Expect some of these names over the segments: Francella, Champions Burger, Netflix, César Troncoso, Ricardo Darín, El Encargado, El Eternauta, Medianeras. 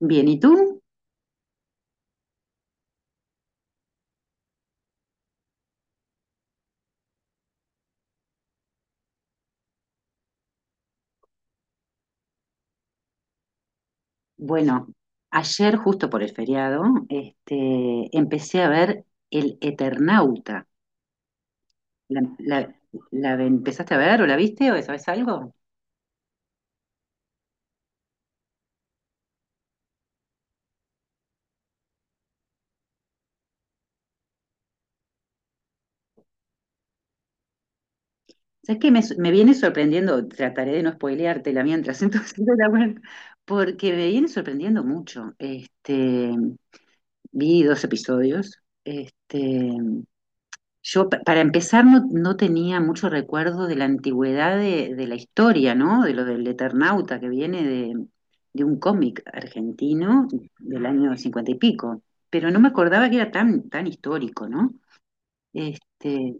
Bien, ¿y tú? Bueno, ayer, justo por el feriado, empecé a ver El Eternauta. ¿La, la- la empezaste a ver o la viste o sabes algo? ¿Sabes qué? Me viene sorprendiendo, trataré de no spoileártela mientras entonces no la ver, porque me viene sorprendiendo mucho. Vi dos episodios. Yo, para empezar, no tenía mucho recuerdo de la antigüedad de la historia, ¿no? De lo del Eternauta, que viene de un cómic argentino del año cincuenta y pico. Pero no me acordaba que era tan, tan histórico, ¿no? Este,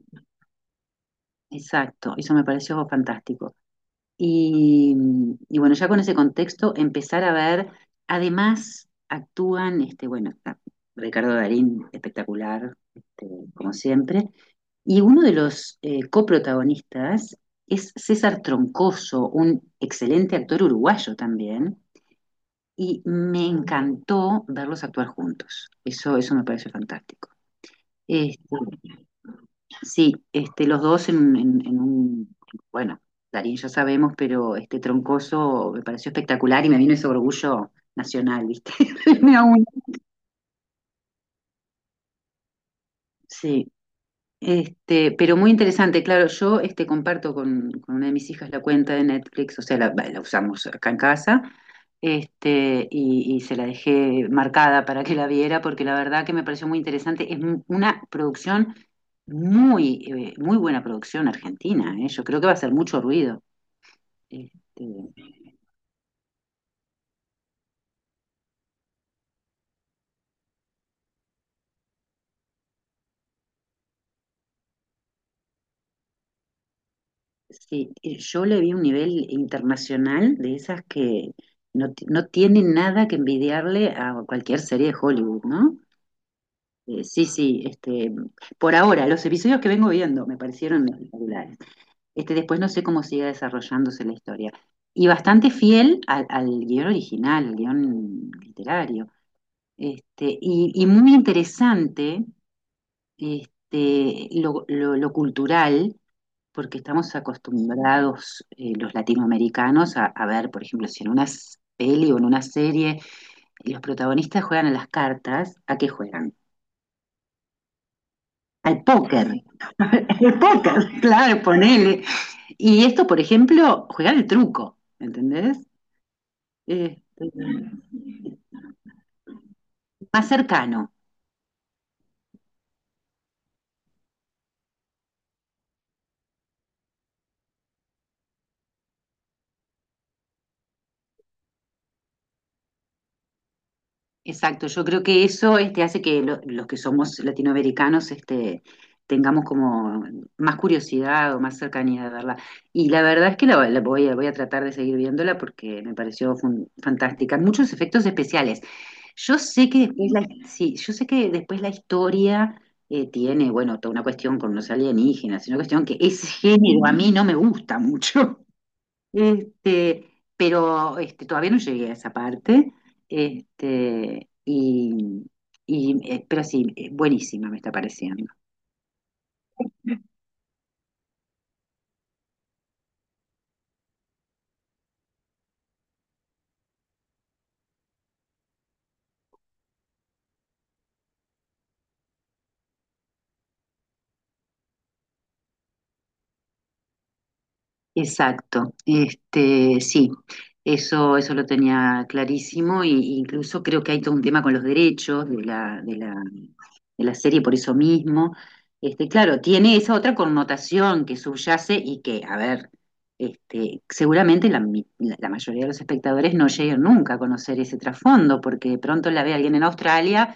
exacto, eso me pareció fantástico. Y, y bueno, ya con ese contexto, empezar a ver, además actúan, bueno, está Ricardo Darín, espectacular, como siempre. Y uno de los coprotagonistas es César Troncoso, un excelente actor uruguayo también, y me encantó verlos actuar juntos. Eso me parece fantástico. Este, sí, los dos en, en un, bueno, Darín ya sabemos, pero este Troncoso me pareció espectacular y me vino ese orgullo nacional, ¿viste? Me aún- Sí, pero muy interesante, claro, yo comparto con una de mis hijas la cuenta de Netflix, o sea, la usamos acá en casa, y se la dejé marcada para que la viera, porque la verdad que me pareció muy interesante. Es una producción muy, muy buena producción argentina, ¿eh? Yo creo que va a hacer mucho ruido. Este, sí y yo le vi un nivel internacional de esas que no, no tienen nada que envidiarle a cualquier serie de Hollywood, ¿no? Sí sí, por ahora, los episodios que vengo viendo me parecieron espectaculares. Después no sé cómo siga desarrollándose la historia. Y bastante fiel al guión original, al guión literario. Y muy interesante lo cultural, porque estamos acostumbrados los latinoamericanos a ver, por ejemplo, si en una peli o en una serie los protagonistas juegan a las cartas, ¿a qué juegan? Al póker. El póker, claro, ponele. Y esto, por ejemplo, jugar el truco, ¿entendés? Eh, más cercano, exacto. Yo creo que eso hace que los que somos latinoamericanos tengamos como más curiosidad o más cercanía de verla. Y la verdad es que la voy a tratar de seguir viéndola porque me pareció fantástica. Muchos efectos especiales. Yo sé que después la, Sí, yo sé que después la historia tiene, bueno, toda una cuestión con los alienígenas, una cuestión que ese género a mí no me gusta mucho. Este, pero todavía no llegué a esa parte. Este, y, y, pero sí, buenísima me está pareciendo. Exacto, sí, eso lo tenía clarísimo, e incluso creo que hay todo un tema con los derechos de la serie por eso mismo. Claro, tiene esa otra connotación que subyace y que, a ver, seguramente la mayoría de los espectadores no llegan nunca a conocer ese trasfondo, porque de pronto la ve alguien en Australia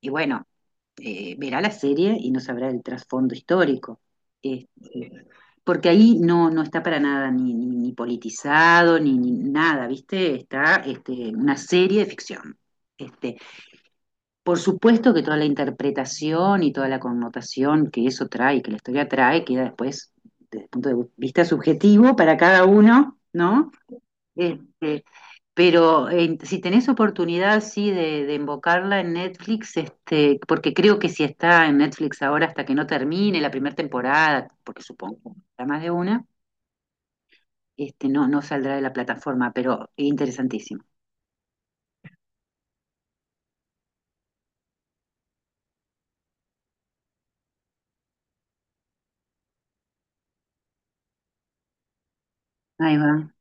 y bueno verá la serie y no sabrá el trasfondo histórico. Este, Porque ahí no está para nada ni politizado, ni nada, ¿viste? Está una serie de ficción. Este, por supuesto que toda la interpretación y toda la connotación que eso trae, que la historia trae, queda después, desde el punto de vista subjetivo, para cada uno, ¿no? Este, pero si tenés oportunidad, sí, de invocarla en Netflix, porque creo que si está en Netflix ahora hasta que no termine la primera temporada, porque supongo que habrá más de una, no saldrá de la plataforma, pero interesantísimo. Ahí va.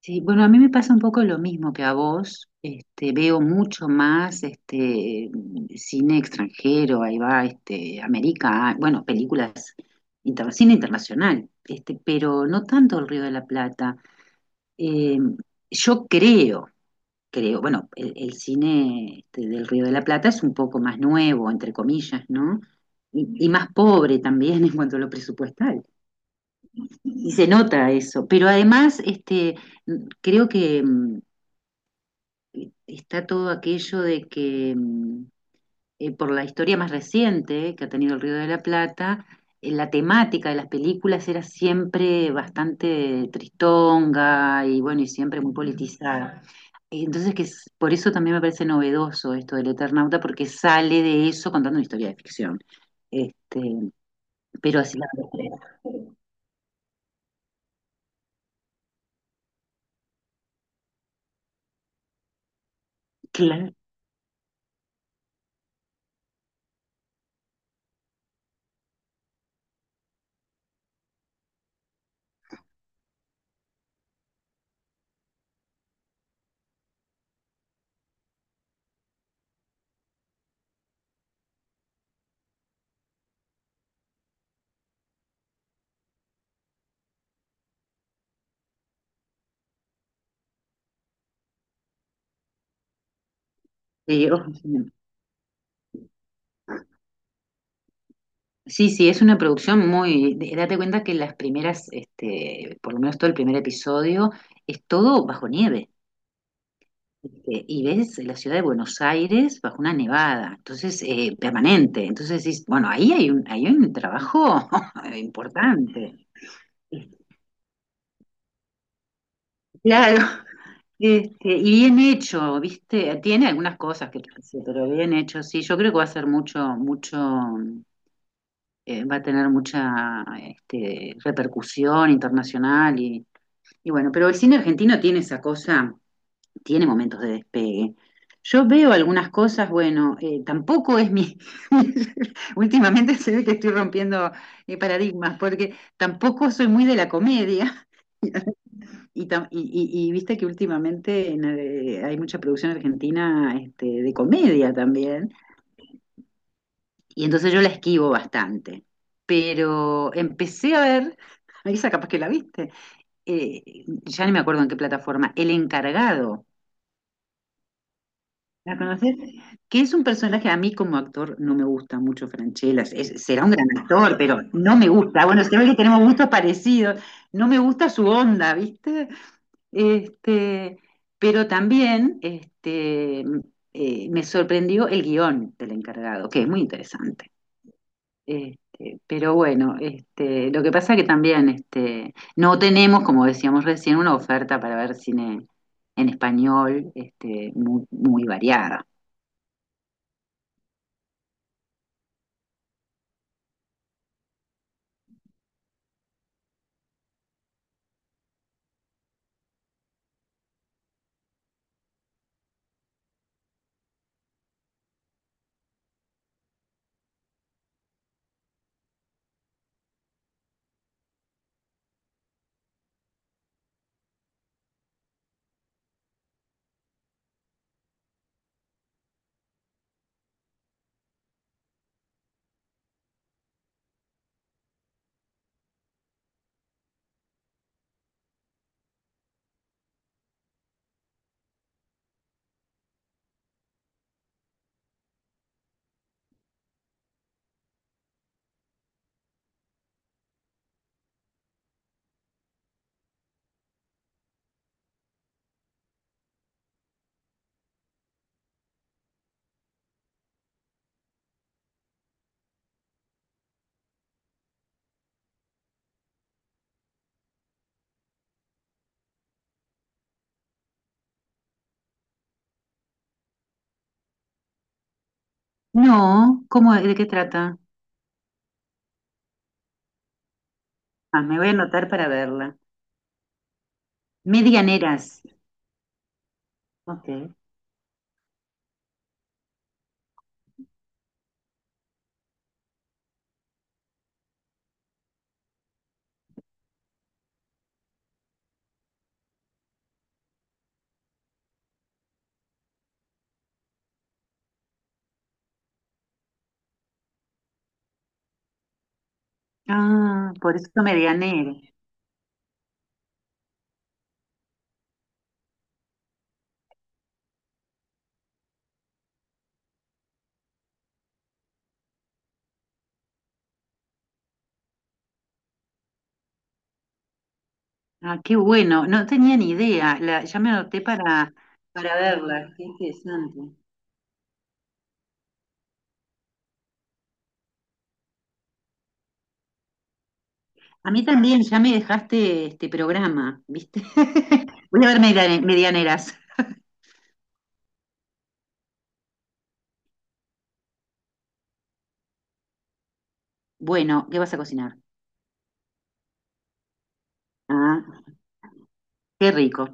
Sí, bueno, a mí me pasa un poco lo mismo que a vos. Veo mucho más cine extranjero, ahí va, América, bueno, películas, cine internacional, pero no tanto el Río de la Plata. Eh, yo creo, bueno, el cine del Río de la Plata es un poco más nuevo, entre comillas, ¿no? Y más pobre también en cuanto a lo presupuestal. Y se nota eso, pero además, creo que está todo aquello de que por la historia más reciente que ha tenido el Río de la Plata, la temática de las películas era siempre bastante tristonga y bueno, y siempre muy politizada. Y entonces, que por eso también me parece novedoso esto del Eternauta, porque sale de eso contando una historia de ficción. Este, pero así la claro, sí, ojo, sí, sí, es una producción muy Date cuenta que las primeras, por lo menos todo el primer episodio, es todo bajo nieve. Y ves la ciudad de Buenos Aires bajo una nevada, entonces, permanente. Entonces decís, bueno, ahí hay un trabajo importante. Claro. Y bien hecho, ¿viste? Tiene algunas cosas que, yo pero bien hecho, sí. Yo creo que va a ser va a tener mucha repercusión internacional. Y bueno, pero el cine argentino tiene esa cosa, tiene momentos de despegue. Yo veo algunas cosas, bueno, tampoco es mi... Últimamente se ve que estoy rompiendo paradigmas, porque tampoco soy muy de la comedia. Y viste que últimamente hay mucha producción argentina de comedia también. Y entonces yo la esquivo bastante. Pero empecé a ver, Marisa, capaz que la viste, eh, ya ni me acuerdo en qué plataforma, El Encargado. ¿La conoces? Que es un personaje, a mí como actor no me gusta mucho Francella. Será un gran actor, pero no me gusta. Bueno, se ve que tenemos gustos parecidos. No me gusta su onda, ¿viste? Este, pero también me sorprendió el guión del encargado, que es muy interesante. Pero bueno, lo que pasa que también no tenemos, como decíamos recién, una oferta para ver cine en español muy, muy variada. No, ¿cómo, de qué trata? Ah, me voy a anotar para verla. Medianeras. Ok. Ah, por eso medianera. Ah, qué bueno. No tenía ni idea. Ya me anoté para verla. Qué interesante. A mí también ya me dejaste este programa, ¿viste? Voy a ver medianeras. Bueno, ¿qué vas a cocinar? Ah, qué rico.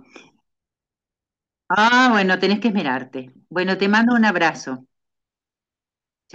Ah, bueno, tenés que esmerarte. Bueno, te mando un abrazo.